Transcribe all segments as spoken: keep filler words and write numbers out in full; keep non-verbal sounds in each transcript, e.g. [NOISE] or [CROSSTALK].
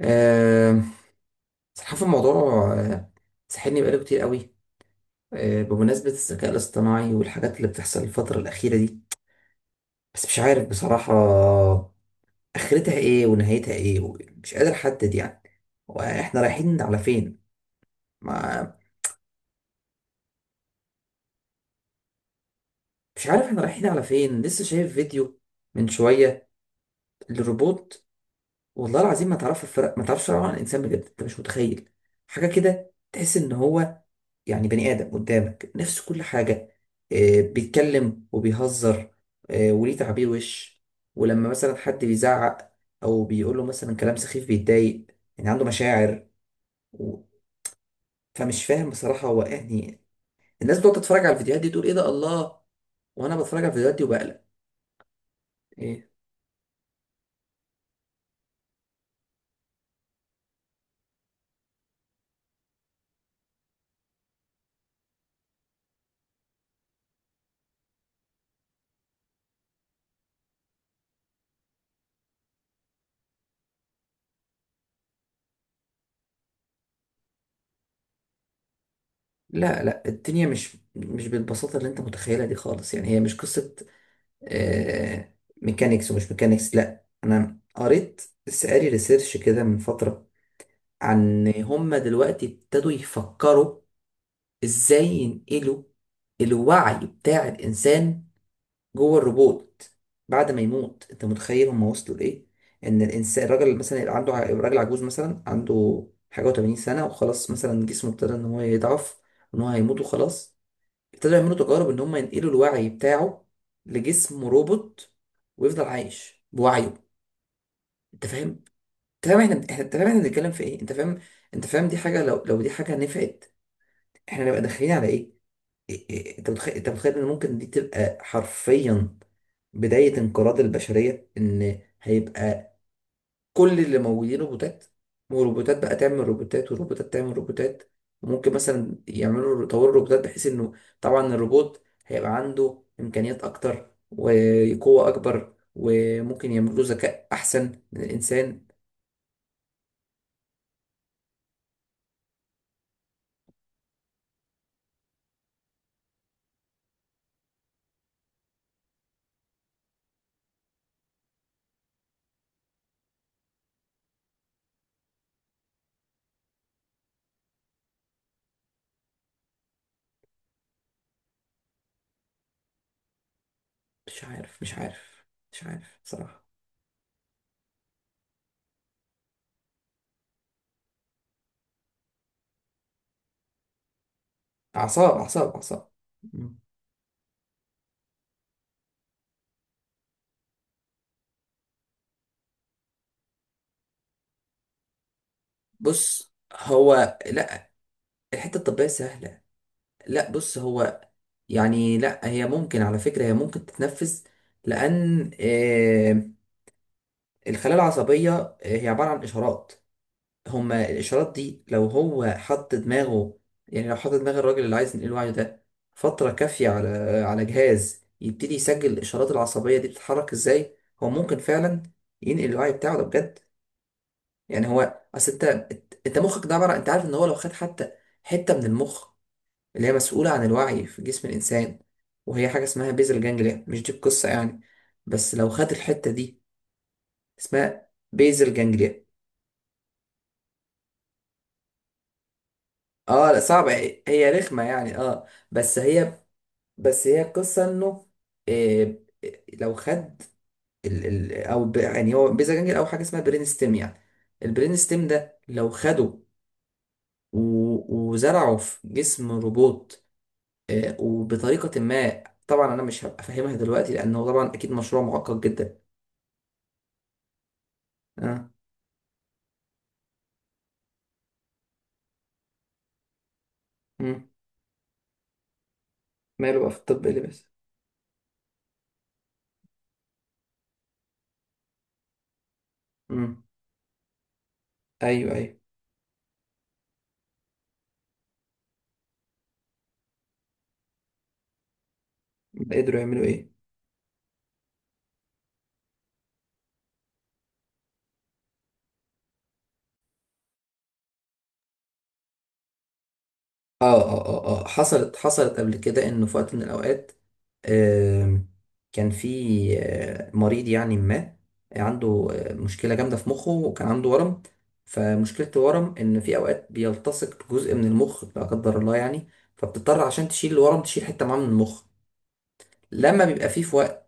آه، صراحة في الموضوع، آه، ساحلني بقاله كتير قوي، آه، بمناسبة الذكاء الاصطناعي والحاجات اللي بتحصل الفترة الأخيرة دي. بس مش عارف بصراحة آخرتها إيه ونهايتها إيه، مش قادر أحدد يعني، وإحنا رايحين على فين. ما مش عارف إحنا رايحين على فين. لسه شايف فيديو من شوية للروبوت، والله العظيم ما تعرفش الفرق، ما تعرفش الفرق عن الإنسان، بجد أنت مش متخيل حاجة كده. تحس إن هو يعني بني آدم قدامك، نفس كل حاجة، آه، بيتكلم وبيهزر، آه، وليه تعبير وش. ولما مثلا حد بيزعق أو بيقول له مثلا كلام سخيف بيتضايق، يعني عنده مشاعر و... فمش فاهم بصراحة هو يعني. الناس بتقعد تتفرج على الفيديوهات دي تقول إيه ده، الله. وأنا بتفرج على الفيديوهات دي وبقلق. إيه؟ لا لا، الدنيا مش مش بالبساطة اللي أنت متخيلها دي خالص، يعني هي مش قصة آه ميكانيكس ومش ميكانيكس. لا أنا قريت، لسه قاري ريسيرش كده من فترة، عن هم دلوقتي ابتدوا يفكروا ازاي ينقلوا الوعي بتاع الانسان جوه الروبوت بعد ما يموت. انت متخيل هم وصلوا لايه؟ ان الانسان، الراجل اللي مثلا يبقى عنده ع- راجل عجوز مثلا عنده حاجه و80 سنه، وخلاص مثلا جسمه ابتدى ان هو يضعف وان هو هيموت وخلاص، ابتدوا يعملوا تجارب ان هم ينقلوا الوعي بتاعه لجسم روبوت ويفضل عايش بوعيه. انت فاهم؟ انت فاهم احنا إحنا- انت فاهم احنا بنتكلم في ايه؟ انت فاهم؟ انت فاهم دي حاجه، لو لو دي حاجه نفعت احنا نبقى داخلين على ايه؟ إيه- إيه، انت متخيل، انت متخيل ان ممكن دي تبقى حرفيا بداية انقراض البشرية، ان هيبقى كل اللي موجودين روبوتات، والروبوتات بقى تعمل روبوتات، والروبوتات تعمل روبوتات. وممكن مثلا يعملوا يطوروا الروبوتات بحيث انه، طبعا الروبوت هيبقى عنده امكانيات اكتر وقوة اكبر، وممكن يعملوا ذكاء احسن من الانسان. مش عارف، مش عارف. مش عارف بصراحة. اعصاب اعصاب اعصاب. بص هو، لا. الحتة الطبية سهلة. لا بص هو، يعني لا هي ممكن، على فكرة هي ممكن تتنفذ. لأن آه، الخلايا العصبية، آه، هي عبارة عن إشارات. هما الإشارات دي لو هو حط دماغه، يعني لو حط دماغ الراجل اللي عايز ينقل وعيه ده فترة كافية على على جهاز يبتدي يسجل الإشارات العصبية دي بتتحرك إزاي، هو ممكن فعلا ينقل الوعي بتاعه ده بجد. يعني هو أصل أنت، أنت مخك ده عبارة، أنت عارف إن هو لو خد حتى حتة من المخ اللي هي مسؤولة عن الوعي في جسم الإنسان، وهي حاجة اسمها بيزل جانجليا، مش دي القصة يعني، بس لو خد الحتة دي. اسمها بيزل جانجليا. اه لا صعبة، هي رخمة يعني، اه بس هي، بس هي القصة انه، إيه، لو خد ال ال او ب- يعني هو بيزل جانجليا او حاجة اسمها برين ستيم يعني، البرين ستيم ده لو خده و- وزرعه في جسم روبوت، إيه وبطريقة ما طبعا انا مش هبقى فاهمها دلوقتي لانه طبعا اكيد مشروع معقد جدا. آه. مم. ماله بقى في الطب، ايه اللي بيحصل؟ مم. ايوه ايوه. قدروا يعملوا ايه؟ اه اه اه اه حصلت حصلت قبل كده انه في وقت من الاوقات، آم، كان في آه، مريض يعني ما عنده آه، مشكله جامده في مخه وكان عنده ورم. فمشكله الورم ان في اوقات بيلتصق جزء من المخ، لا قدر الله يعني، فبتضطر عشان تشيل الورم تشيل حته معاه من المخ. لما بيبقى فيه في وقت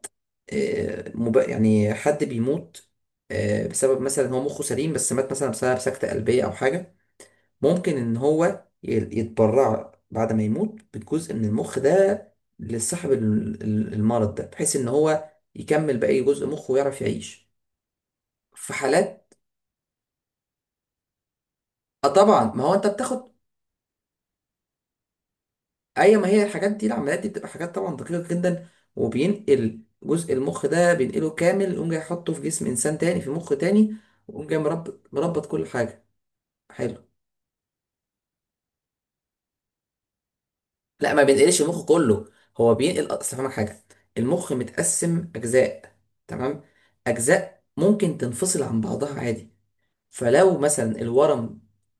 آه، مب... يعني حد بيموت آه، بسبب مثلا هو مخه سليم بس مات مثلا بسبب سكتة قلبية أو حاجة، ممكن إن هو ي- يتبرع بعد ما يموت بجزء من المخ ده لصاحب ال- ال- المرض ده بحيث إن هو يكمل باقي جزء مخه ويعرف يعيش، في حالات. اه طبعا، ما هو انت بتاخد، اي ما هي الحاجات دي، العمليات دي بتبقى حاجات طبعا دقيقة جدا، وبينقل جزء المخ ده، بينقله كامل يقوم جاي يحطه في جسم انسان تاني في مخ تاني، ويقوم جاي مربط مربط كل حاجة، حلو. لا ما بينقلش المخ كله، هو بينقل، اصل فاهمك حاجه، المخ متقسم اجزاء، تمام، اجزاء ممكن تنفصل عن بعضها عادي. فلو مثلا الورم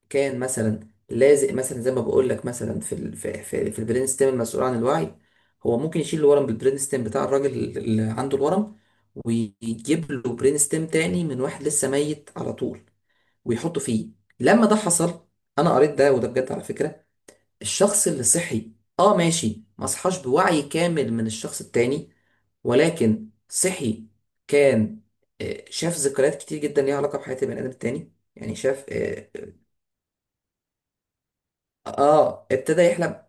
كان مثلا لازق مثلا زي ما بقول لك مثلا في ال... في في, في البرين ستيم المسؤول عن الوعي، هو ممكن يشيل الورم بالبرين ستيم بتاع الراجل اللي عنده الورم ويجيب له برين ستيم تاني من واحد لسه ميت على طول ويحطه فيه. لما ده حصل، انا قريت ده وده بجد على فكره، الشخص اللي صحي، اه ماشي ما صحاش بوعي كامل من الشخص التاني، ولكن صحي، كان آه، شاف ذكريات كتير جدا ليها علاقة بحياة البني آدم التاني، يعني شاف اه آه، آه، ابتدى يحلم.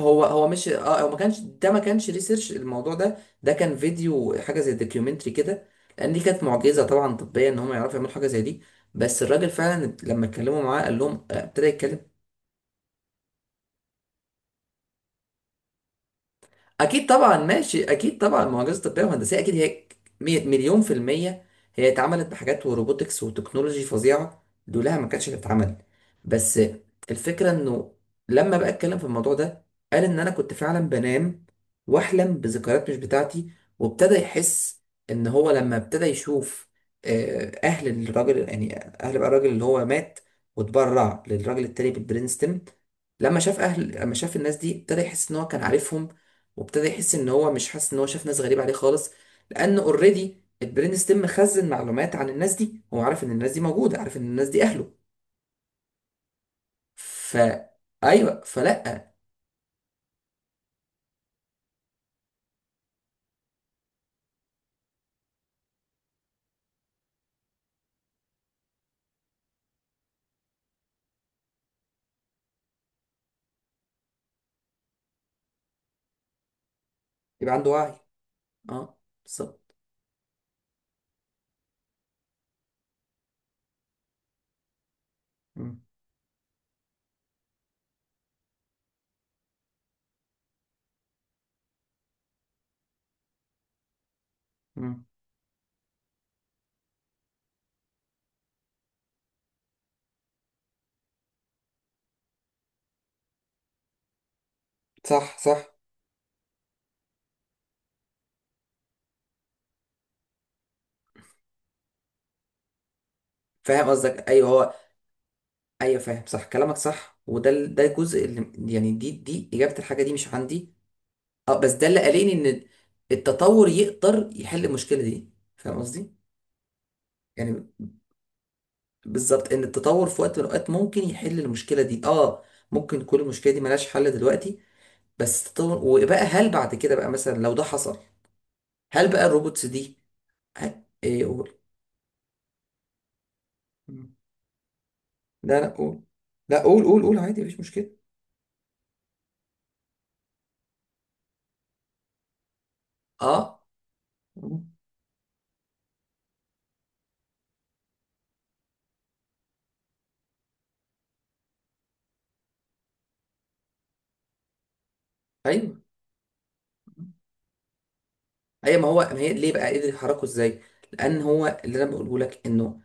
هو هو مش اه هو ما كانش ده ما كانش ريسيرش الموضوع ده، ده كان فيديو حاجة زي دوكيومنتري كده، لأن دي كانت معجزة طبعا طبية إن هم يعرفوا يعملوا حاجة زي دي. بس الراجل فعلا لما اتكلموا معاه قال لهم، آه، ابتدى يتكلم. اكيد طبعا ماشي، اكيد طبعا معجزه طبيه وهندسيه، اكيد هي مية- مليون في الميه، هي اتعملت بحاجات وروبوتكس وتكنولوجي فظيعه دولها ما كانتش هتتعمل. بس الفكره انه لما بقى اتكلم في الموضوع ده قال ان انا كنت فعلا بنام واحلم بذكريات مش بتاعتي، وابتدى يحس ان هو لما ابتدى يشوف آه، اهل الراجل، يعني اهل بقى الراجل اللي هو مات واتبرع للراجل التاني بالبرينستون، لما شاف اهل، لما شاف الناس دي ابتدى يحس ان هو كان عارفهم، وابتدى يحس ان هو مش حاسس ان هو شاف ناس غريبه عليه خالص، لان اوريدي البرين ستيم مخزن معلومات عن الناس دي، هو عارف ان الناس دي موجوده، عارف ان الناس دي اهله. ف ايوه فلا. يبقى عنده وعي. اه بالظبط. مم، مم. صح صح. فاهم قصدك، ايوه هو. ايوه فاهم، صح كلامك صح، وده ال- ده الجزء اللي يعني، دي دي اجابه، الحاجه دي مش عندي. اه بس ده اللي قاليني ان التطور يقدر يحل المشكله دي، فاهم قصدي، يعني بالظبط ان التطور في وقت من الاوقات ممكن يحل المشكله دي اه، ممكن كل المشكله دي ملهاش حل دلوقتي، بس التطور وبقى، هل بعد كده بقى مثلا لو ده حصل، هل بقى الروبوتس دي، ه- ايه قول. مم. لا لا قول. لا قول قول قول عادي، مفيش مشكله. اه ايوه ايوه، ما هو ما هي ليه بقى قدر يحركه ازاي؟ لان هو اللي انا بقوله لك انه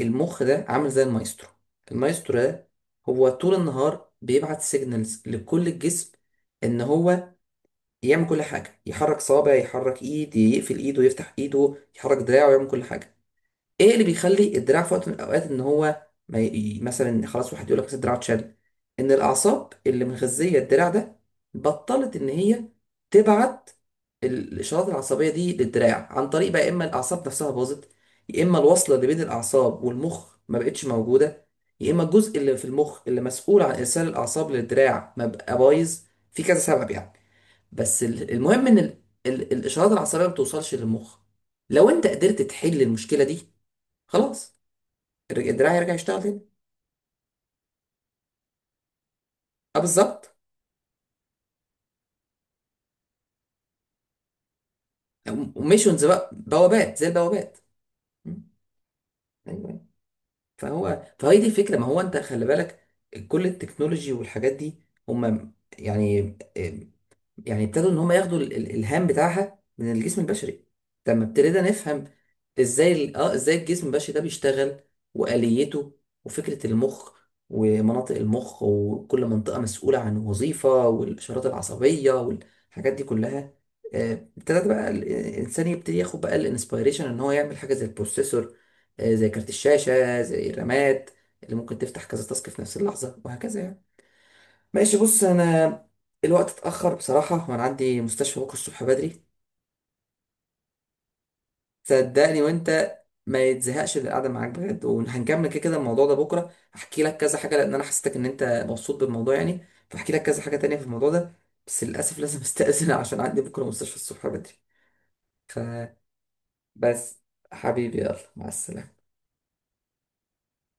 المخ ده عامل زي المايسترو، المايسترو ده هو طول النهار بيبعت سيجنالز لكل الجسم ان هو يعمل كل حاجة، يحرك صابع، يحرك ايد، يقفل ايده، يفتح ايده، يحرك دراعه، يعمل كل حاجة. ايه اللي بيخلي الدراع في وقت من الاوقات ان هو ما ي... مثلا خلاص واحد يقول لك مثلا الدراع اتشل؟ ان الاعصاب اللي مغذية الدراع ده بطلت ان هي تبعت ال- الاشارات العصبية دي للدراع، عن طريق بقى يا اما الاعصاب نفسها باظت، يا اما الوصلة اللي بين الاعصاب والمخ ما بقتش موجودة، يا اما الجزء اللي في المخ اللي مسؤول عن ارسال الاعصاب للدراع ما بقى بايظ، في كذا سبب يعني. بس ال- المهم ان ال- ال- الاشارات العصبيه ما بتوصلش للمخ. لو انت قدرت تحل المشكله دي خلاص، الر- الدراع يرجع يشتغل تاني. اه بالظبط. وميشنز بقى بوابات زي البوابات. م. ايوه أيوة. فهو فهي دي الفكره، ما هو انت خلي بالك كل التكنولوجي والحاجات دي، هم يعني، يعني ابتدوا ان هم ياخدوا ال- ال- الالهام بتاعها من الجسم البشري، لما ابتدينا نفهم ازاي ال- اه ازاي الجسم البشري ده بيشتغل واليته، وفكره المخ ومناطق المخ وكل منطقه مسؤوله عن وظيفه والاشارات العصبيه والحاجات دي كلها. آه، ابتدت بقى ال- الانسان يبتدي ياخد بقى الانسبيريشن ان هو يعمل حاجه زي البروسيسور، آه، زي كارت الشاشه زي الرامات اللي ممكن تفتح كذا تاسك في نفس اللحظه وهكذا يعني. ماشي بص، انا الوقت اتاخر بصراحه وانا عندي مستشفى بكره الصبح بدري. صدقني وانت ما يتزهقش اللي قاعده معاك، بجد، وهنكمل كده كده الموضوع ده بكره، هحكي لك كذا حاجه لان انا حسيتك ان انت مبسوط بالموضوع يعني، فاحكي لك كذا حاجه تانية في الموضوع ده. بس للاسف لازم استاذن [LAUGHS] عشان عندي بكره مستشفى الصبح بدري. بس حبيبي، يلا مع السلامه.